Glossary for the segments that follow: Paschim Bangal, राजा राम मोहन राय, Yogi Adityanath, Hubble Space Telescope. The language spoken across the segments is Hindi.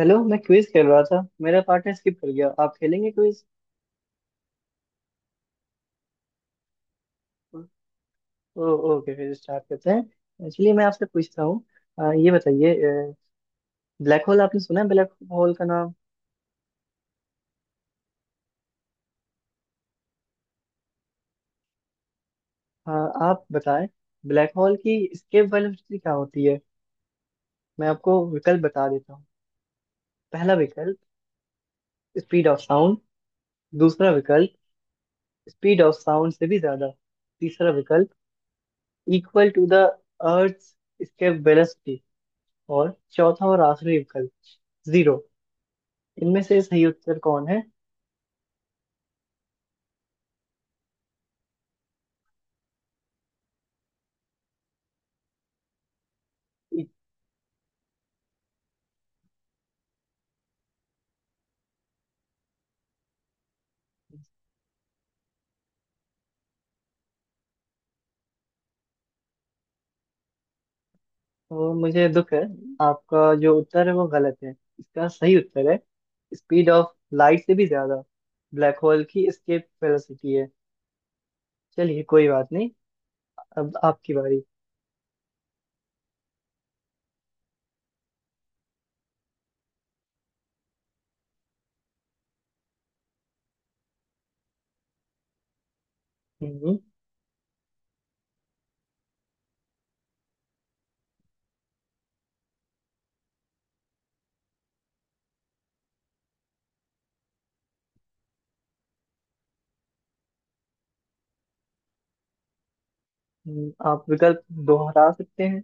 हेलो मैं क्विज खेल रहा था। मेरा पार्टनर स्किप कर गया। आप खेलेंगे क्विज? ओके फिर स्टार्ट करते हैं। एक्चुअली मैं आपसे पूछता हूँ। ये बताइए। ब्लैक होल, आपने सुना है ब्लैक होल का नाम? आप बताएं ब्लैक होल की एस्केप वेलोसिटी क्या होती है। मैं आपको विकल्प बता देता हूँ। पहला विकल्प स्पीड ऑफ साउंड। दूसरा विकल्प स्पीड ऑफ साउंड से भी ज्यादा। तीसरा विकल्प equal to the earth escape velocity. और चौथा और आखिरी विकल्प जीरो। इनमें से सही उत्तर कौन है? इ- तो मुझे दुख है। आपका जो उत्तर है वो गलत है। इसका सही उत्तर है स्पीड ऑफ लाइट से भी ज्यादा ब्लैक होल की एस्केप वेलोसिटी है। चलिए कोई बात नहीं। अब आपकी बारी। हम्म। आप विकल्प दोहरा सकते हैं।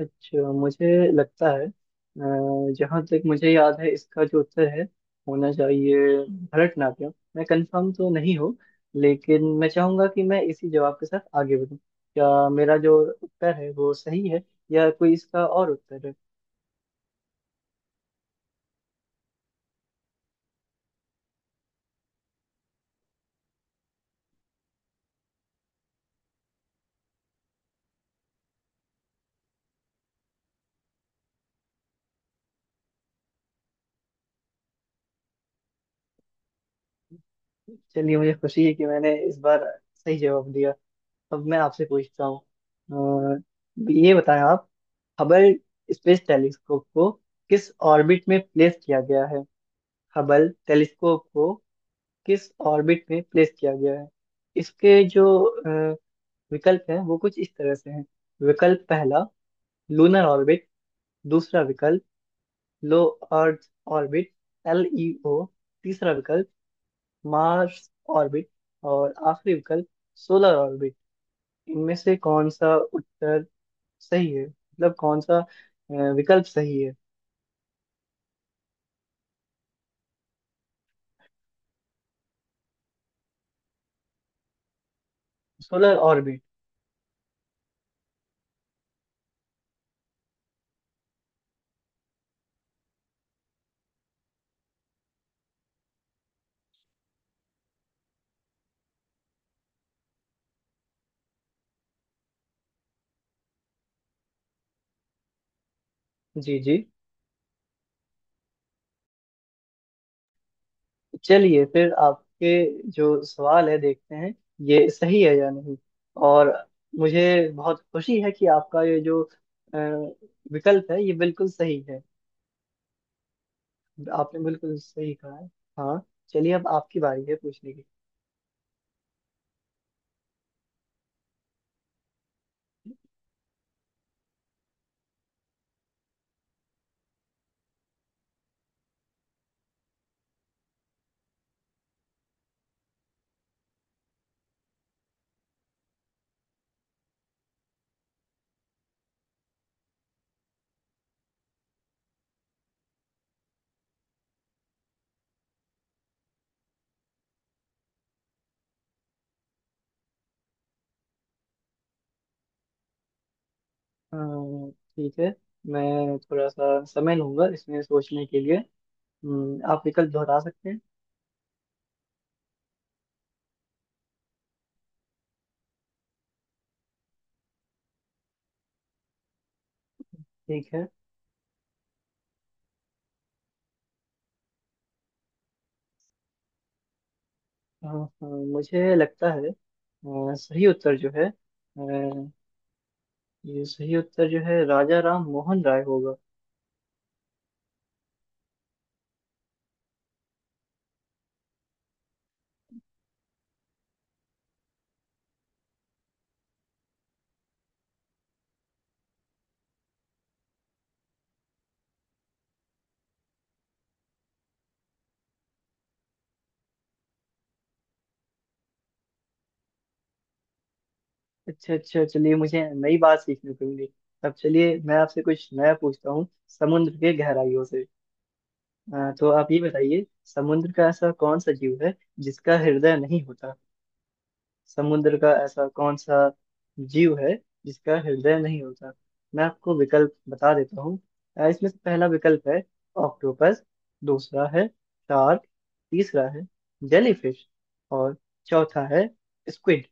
अच्छा मुझे लगता है, जहाँ तक मुझे याद है इसका जो उत्तर है होना चाहिए भरतनाट्यम। मैं कंफर्म तो नहीं हूँ लेकिन मैं चाहूंगा कि मैं इसी जवाब के साथ आगे बढ़ूँ। क्या मेरा जो उत्तर है वो सही है या कोई इसका और उत्तर है? चलिए मुझे खुशी है कि मैंने इस बार सही जवाब दिया। अब मैं आपसे पूछता हूँ। अ, ये बताएं आप हबल स्पेस टेलीस्कोप को किस ऑर्बिट में प्लेस किया गया है। हबल टेलीस्कोप को किस ऑर्बिट में प्लेस किया गया है? इसके जो विकल्प हैं वो कुछ इस तरह से हैं। विकल्प पहला लूनर ऑर्बिट। दूसरा विकल्प low earth orbit, L E O. तीसरा विकल्प मार्स ऑर्बिट। और आखिरी विकल्प सोलर ऑर्बिट। इनमें से कौन सा उत्तर सही है, मतलब कौन सा विकल्प सही है? Solar orbit. जी जी। चलिए फिर आपके जो सवाल है देखते हैं ये सही है या नहीं। और मुझे बहुत खुशी है कि आपका ये जो अ, विकल्प है ये बिल्कुल सही है। आपने बिल्कुल सही कहा है। हाँ। चलिए अब आपकी बारी है पूछने की। ठीक है। मैं थोड़ा सा समय लूंगा इसमें सोचने के लिए। आप विकल्प दोहरा सकते हैं। ठीक है। मुझे लगता है, सही उत्तर जो है, ये सही उत्तर जो है राजा राम मोहन राय होगा। अच्छा अच्छा चलिए मुझे नई बात सीखने को मिली। अब चलिए मैं आपसे कुछ नया पूछता हूँ समुद्र के गहराइयों से। तो आप ये बताइए समुद्र का ऐसा कौन सा जीव है जिसका हृदय नहीं होता। समुद्र का ऐसा कौन सा जीव है जिसका हृदय नहीं होता? मैं आपको विकल्प बता देता हूँ। इसमें से पहला विकल्प है ऑक्टोपस। दूसरा है शार्क। तीसरा है जेलीफिश। और चौथा है स्क्विड।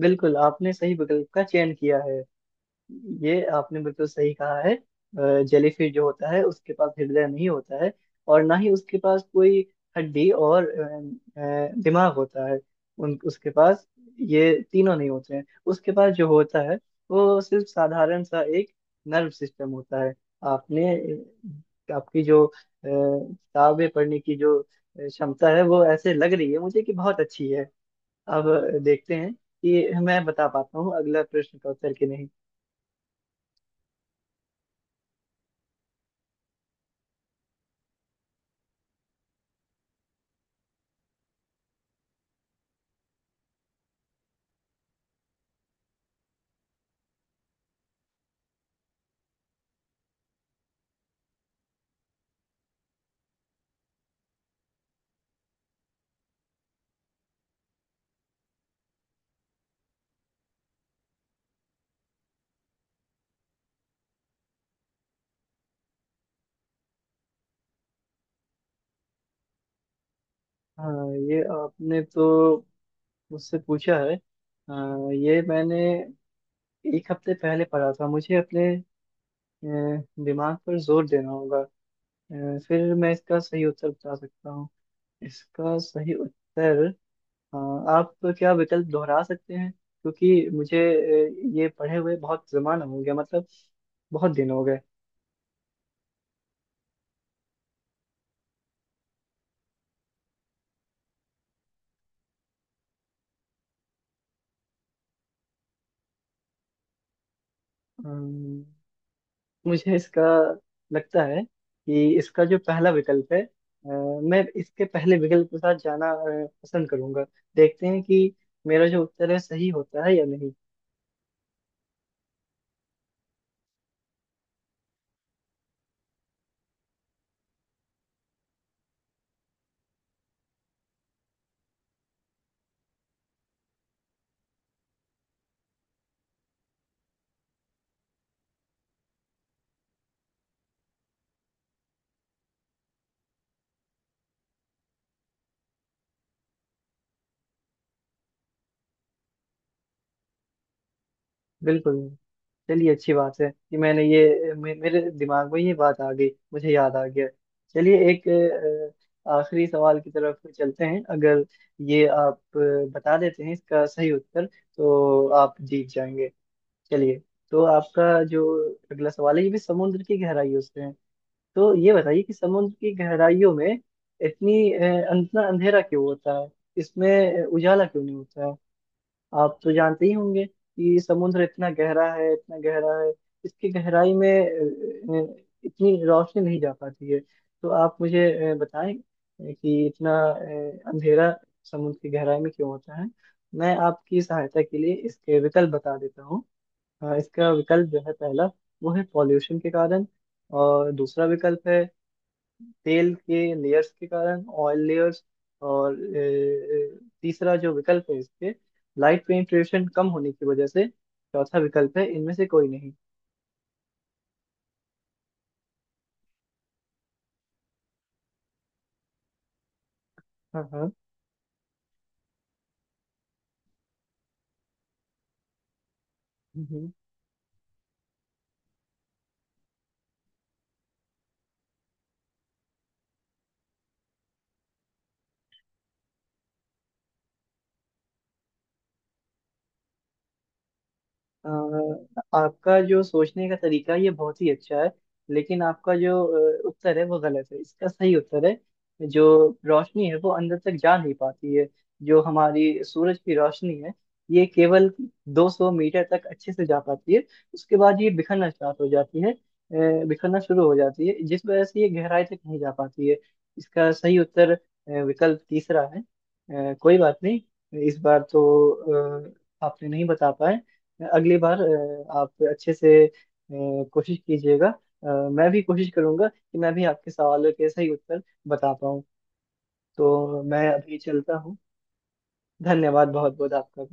बिल्कुल आपने सही विकल्प का चयन किया है। ये आपने बिल्कुल सही कहा है। जेलीफिश जो होता है उसके पास हृदय नहीं होता है, और ना ही उसके पास कोई हड्डी और दिमाग होता है। उन उसके पास ये तीनों नहीं होते हैं। उसके पास जो होता है वो सिर्फ साधारण सा एक नर्व सिस्टम होता है। आपने आपकी जो किताबें पढ़ने की जो क्षमता है वो ऐसे लग रही है मुझे कि बहुत अच्छी है। अब देखते हैं कि मैं बता पाता हूँ अगला प्रश्न का उत्तर कि नहीं। हाँ ये आपने तो मुझसे पूछा है। हाँ, ये मैंने एक हफ्ते पहले पढ़ा था। मुझे अपने अ, दिमाग पर जोर देना होगा। फिर मैं इसका सही उत्तर बता सकता हूँ। इसका सही उत्तर। हाँ, आप क्या विकल्प दोहरा सकते हैं क्योंकि मुझे ये पढ़े हुए बहुत जमाना हो गया, मतलब बहुत दिन हो गए। अम्म, मुझे इसका लगता है कि इसका जो पहला विकल्प है, मैं इसके पहले विकल्प के साथ जाना पसंद करूंगा। देखते हैं कि मेरा जो उत्तर है सही होता है या नहीं। बिल्कुल नहीं। चलिए अच्छी बात है कि मैंने ये मेरे दिमाग में ये बात आ गई, मुझे याद आ गया। चलिए एक आखिरी सवाल की तरफ चलते हैं। अगर ये आप बता देते हैं इसका सही उत्तर तो आप जीत जाएंगे। चलिए तो आपका जो अगला सवाल है ये भी समुद्र की गहराइयों से है। तो ये बताइए कि समुद्र की गहराइयों में इतना अंधेरा क्यों होता है। इसमें उजाला क्यों नहीं होता है? आप तो जानते ही होंगे कि समुद्र इतना गहरा है, इतना गहरा है। इसकी गहराई में इतनी रोशनी नहीं जा पाती है। तो आप मुझे बताएं कि इतना अंधेरा समुद्र की गहराई में क्यों होता है। मैं आपकी सहायता के लिए इसके विकल्प बता देता हूँ। इसका विकल्प जो है पहला वो है पॉल्यूशन के कारण। और दूसरा विकल्प है तेल के लेयर्स के कारण, ऑयल लेयर्स। और तीसरा जो विकल्प है इसके लाइट पेनिट्रेशन कम होने की वजह से। चौथा विकल्प है इनमें से कोई नहीं। हाँ हाँ। अ, आपका जो सोचने का तरीका है, ये बहुत ही अच्छा है। लेकिन आपका जो उत्तर है वो गलत है। इसका सही उत्तर है, जो रोशनी है वो अंदर तक जा नहीं पाती है। जो हमारी सूरज की रोशनी है ये केवल 200 मीटर तक अच्छे से जा पाती है। उसके बाद ये बिखरना स्टार्ट हो जाती है, बिखरना शुरू हो जाती है जिस वजह से ये गहराई तक नहीं जा पाती है। इसका सही उत्तर विकल्प तीसरा है। कोई बात नहीं। इस बार तो आपने नहीं बता पाए। अगली बार आप अच्छे से कोशिश कीजिएगा। मैं भी कोशिश करूंगा कि मैं भी आपके सवालों के सही उत्तर बता पाऊँ। तो मैं अभी चलता हूँ। धन्यवाद बहुत बहुत आपका।